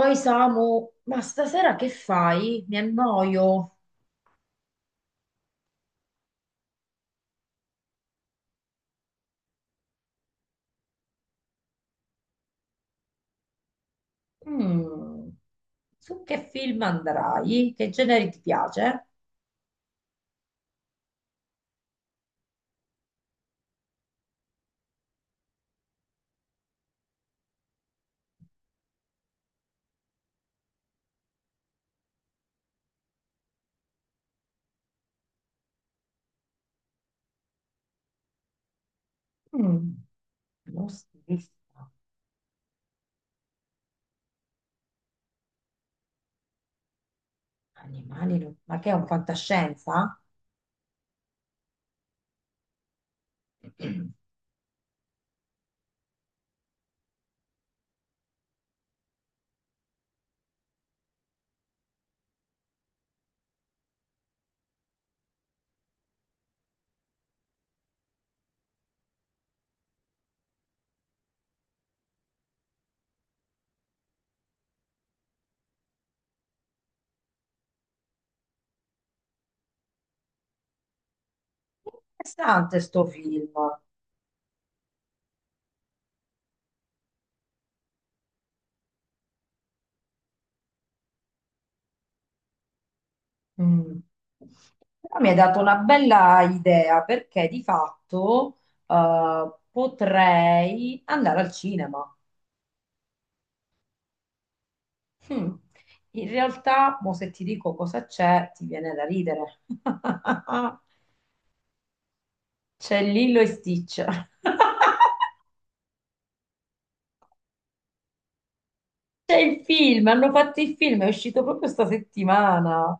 Oi Samu, ma stasera che fai? Mi annoio. Mm. Su che film andrai? Che genere ti piace? Mm. Non si vista. Animali, ma che è un fantascienza? Interessante sto film. Mm. Però mi hai dato una bella idea perché di fatto potrei andare al cinema. Mm. In realtà, mo se ti dico cosa c'è, ti viene da ridere. C'è Lillo e Stitch. C'è il film, hanno fatto il film, è uscito proprio sta settimana.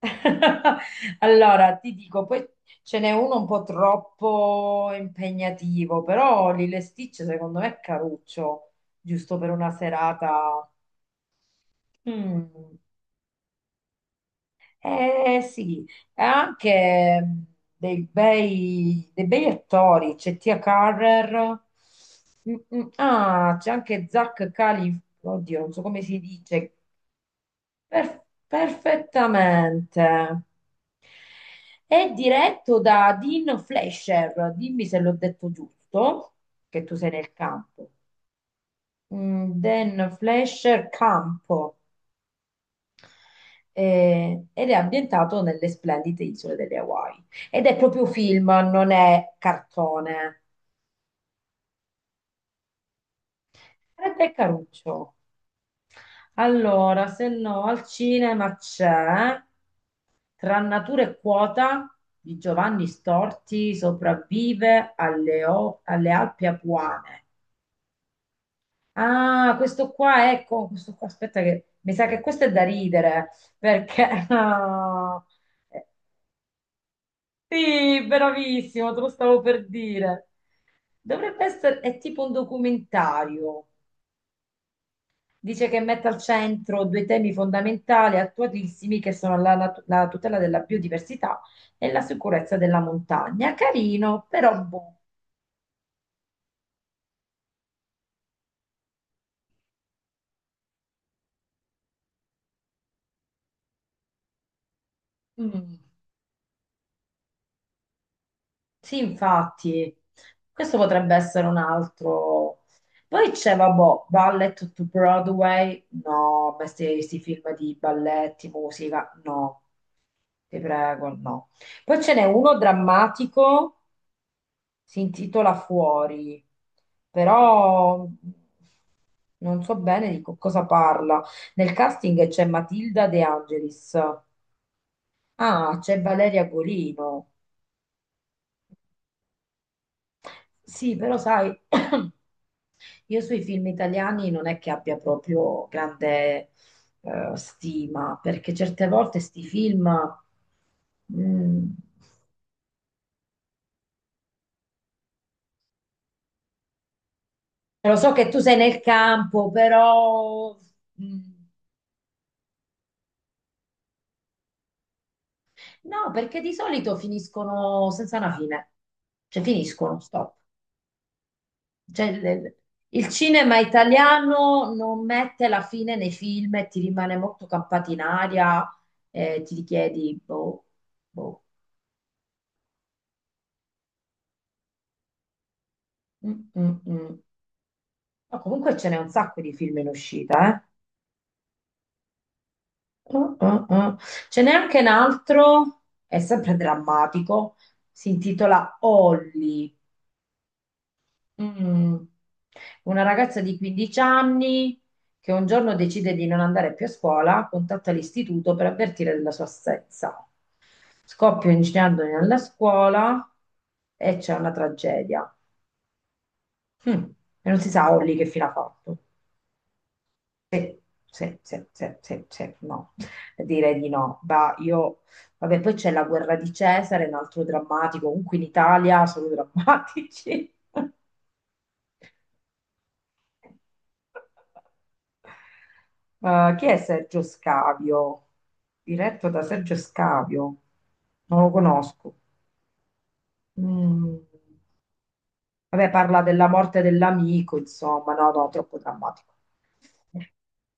Allora, ti dico, poi ce n'è uno un po' troppo impegnativo, però Lilo e Stitch secondo me è caruccio, giusto per una serata. Mm. Eh sì, e anche dei bei attori, c'è Tia Carrer. Mm, mm, ah, c'è anche Zach Cali, oddio, non so come si dice. Perfettamente. È diretto da Dean Flesher, dimmi se l'ho detto giusto, che tu sei nel campo. Mm, Dan Flesher Campo. Ed è ambientato nelle splendide isole delle Hawaii. Ed è proprio film, non è cartone. Ed è caruccio. Allora, se no, al cinema c'è Tra natura e quota di Giovanni Storti, sopravvive alle, alle Alpi Apuane. Ah, questo qua, ecco, questo qua, aspetta che mi sa che questo è da ridere, perché ah. Sì, bravissimo, te lo stavo per dire. Dovrebbe essere, è tipo un documentario. Dice che mette al centro due temi fondamentali, attualissimi, che sono la tutela della biodiversità e la sicurezza della montagna. Carino, però boh. Mm. Sì, infatti, questo potrebbe essere un altro. Poi c'è, vabbè, Ballet to Broadway. No, ma questi film di balletti, musica, no. Ti prego, no. Poi ce n'è uno drammatico, si intitola Fuori, però non so bene di cosa parla. Nel casting c'è Matilda De Angelis. Ah, c'è Valeria Golino. Sì, però sai, io sui film italiani non è che abbia proprio grande stima, perché certe volte sti film... mm. Lo so che tu sei nel campo, però... mm. No, perché di solito finiscono senza una fine. Cioè finiscono, stop. Cioè, il cinema italiano non mette la fine nei film e ti rimane molto campato in aria e ti richiedi, boh, boh. Mm, mm, mm. Ma comunque ce n'è un sacco di film in uscita, eh? Mm, mm, mm. Ce n'è anche un altro, è sempre drammatico, si intitola Holly. Mm. Una ragazza di 15 anni che un giorno decide di non andare più a scuola, contatta l'istituto per avvertire della sua assenza. Scoppia un incendio nella scuola e c'è una tragedia. Mm. E non si sa Olli che fine ha fatto. Sì, sì, sì, sì, sì, sì, no. Direi di no. Bah, io... Vabbè, poi c'è la guerra di Cesare, un altro drammatico, comunque in Italia sono drammatici. Eh, chi è Sergio Scavio? Diretto da Sergio Scavio. Non lo conosco. Mm. Vabbè, parla della morte dell'amico, insomma, no, no, troppo drammatico.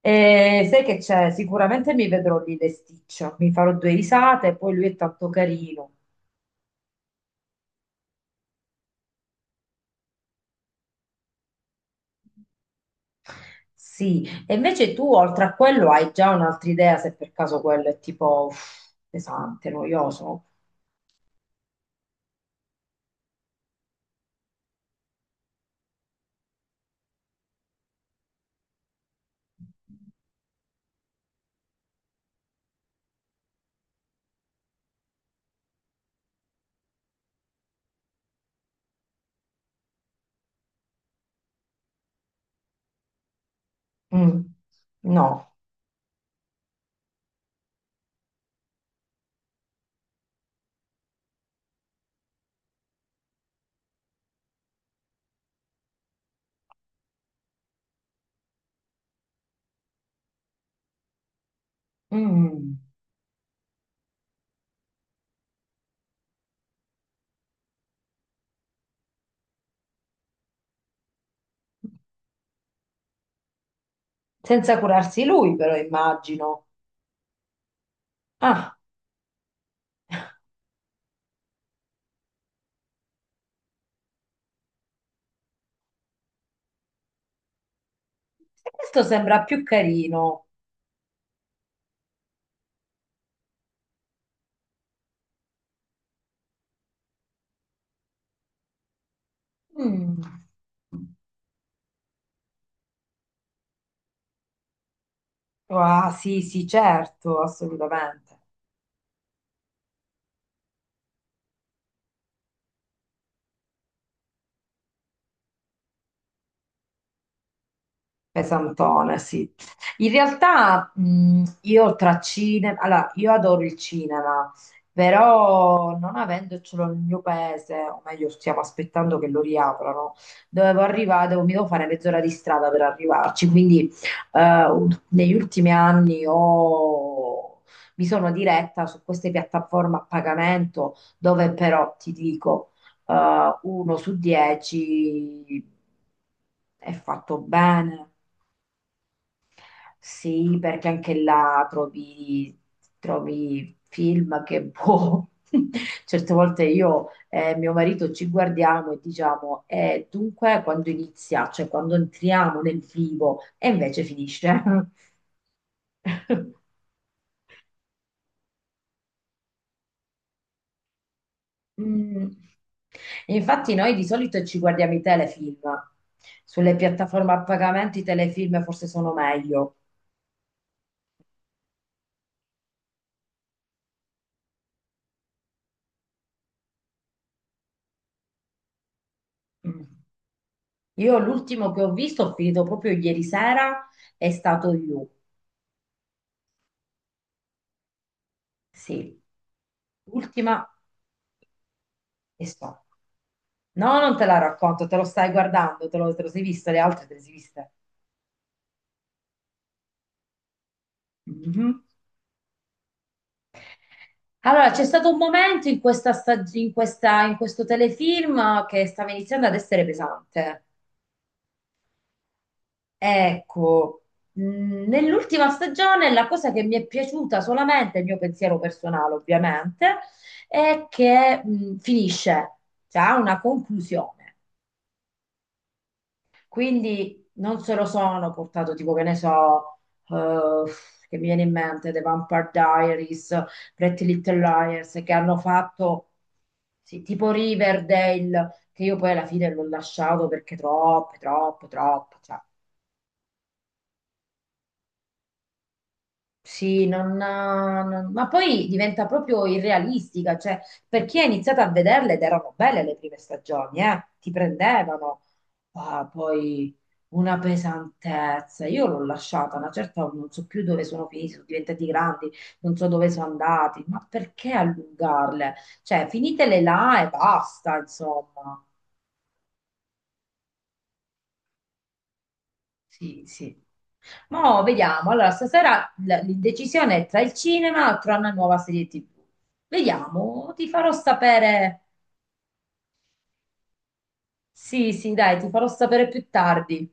E sai che c'è? Sicuramente mi vedrò lì le Stitch, mi farò due risate, poi lui è tanto carino. Sì, e invece tu oltre a quello hai già un'altra idea se per caso quello è tipo uff, pesante, noioso. Mm, no. Mm. Senza curarsi lui, però immagino. Ah, questo sembra più carino. Mm. Ah, sì, sì, certo, assolutamente. Pesantone, sì. In realtà io tra cinema, allora io adoro il cinema, però non avendocelo nel mio paese, o meglio stiamo aspettando che lo riaprano, dovevo arrivare, devo, mi devo fare mezz'ora di strada per arrivarci, quindi negli ultimi anni mi sono diretta su queste piattaforme a pagamento dove però ti dico 1 su 10 è fatto bene. Sì, perché anche là trovi, trovi film che boh. Certe volte io e mio marito ci guardiamo e diciamo, dunque quando inizia, cioè quando entriamo nel vivo, e invece finisce. Mm. Infatti noi di solito ci guardiamo i telefilm. Sulle piattaforme a pagamento i telefilm forse sono meglio. Mm. Io l'ultimo che ho visto, ho finito proprio ieri sera, è stato You. Sì, l'ultima e sto. No, non te la racconto, te lo stai guardando, te lo sei visto, le altre te le sei viste. Mhm. Allora, c'è stato un momento in questa stag- in questa- in questo telefilm che stava iniziando ad essere pesante. Ecco, nell'ultima stagione la cosa che mi è piaciuta solamente, il mio pensiero personale ovviamente, è che finisce, cioè ha una conclusione. Quindi non se lo sono portato tipo che ne so, eh, che mi viene in mente The Vampire Diaries, Pretty Little Liars, che hanno fatto sì, tipo Riverdale, che io poi alla fine l'ho lasciato perché troppe, troppe, troppe, cioè sì, ma poi diventa proprio irrealistica, cioè per chi ha iniziato a vederle ed erano belle le prime stagioni, ti prendevano. Ah, poi una pesantezza, io l'ho lasciata, una certa non so più dove sono finiti, sono diventati grandi, non so dove sono andati, ma perché allungarle? Cioè finitele là e basta, insomma, sì, sì. Mo' vediamo. Allora, stasera l'indecisione è tra il cinema o tra una nuova serie TV. Vediamo, ti farò sapere. Sì, sì, dai, ti farò sapere più tardi.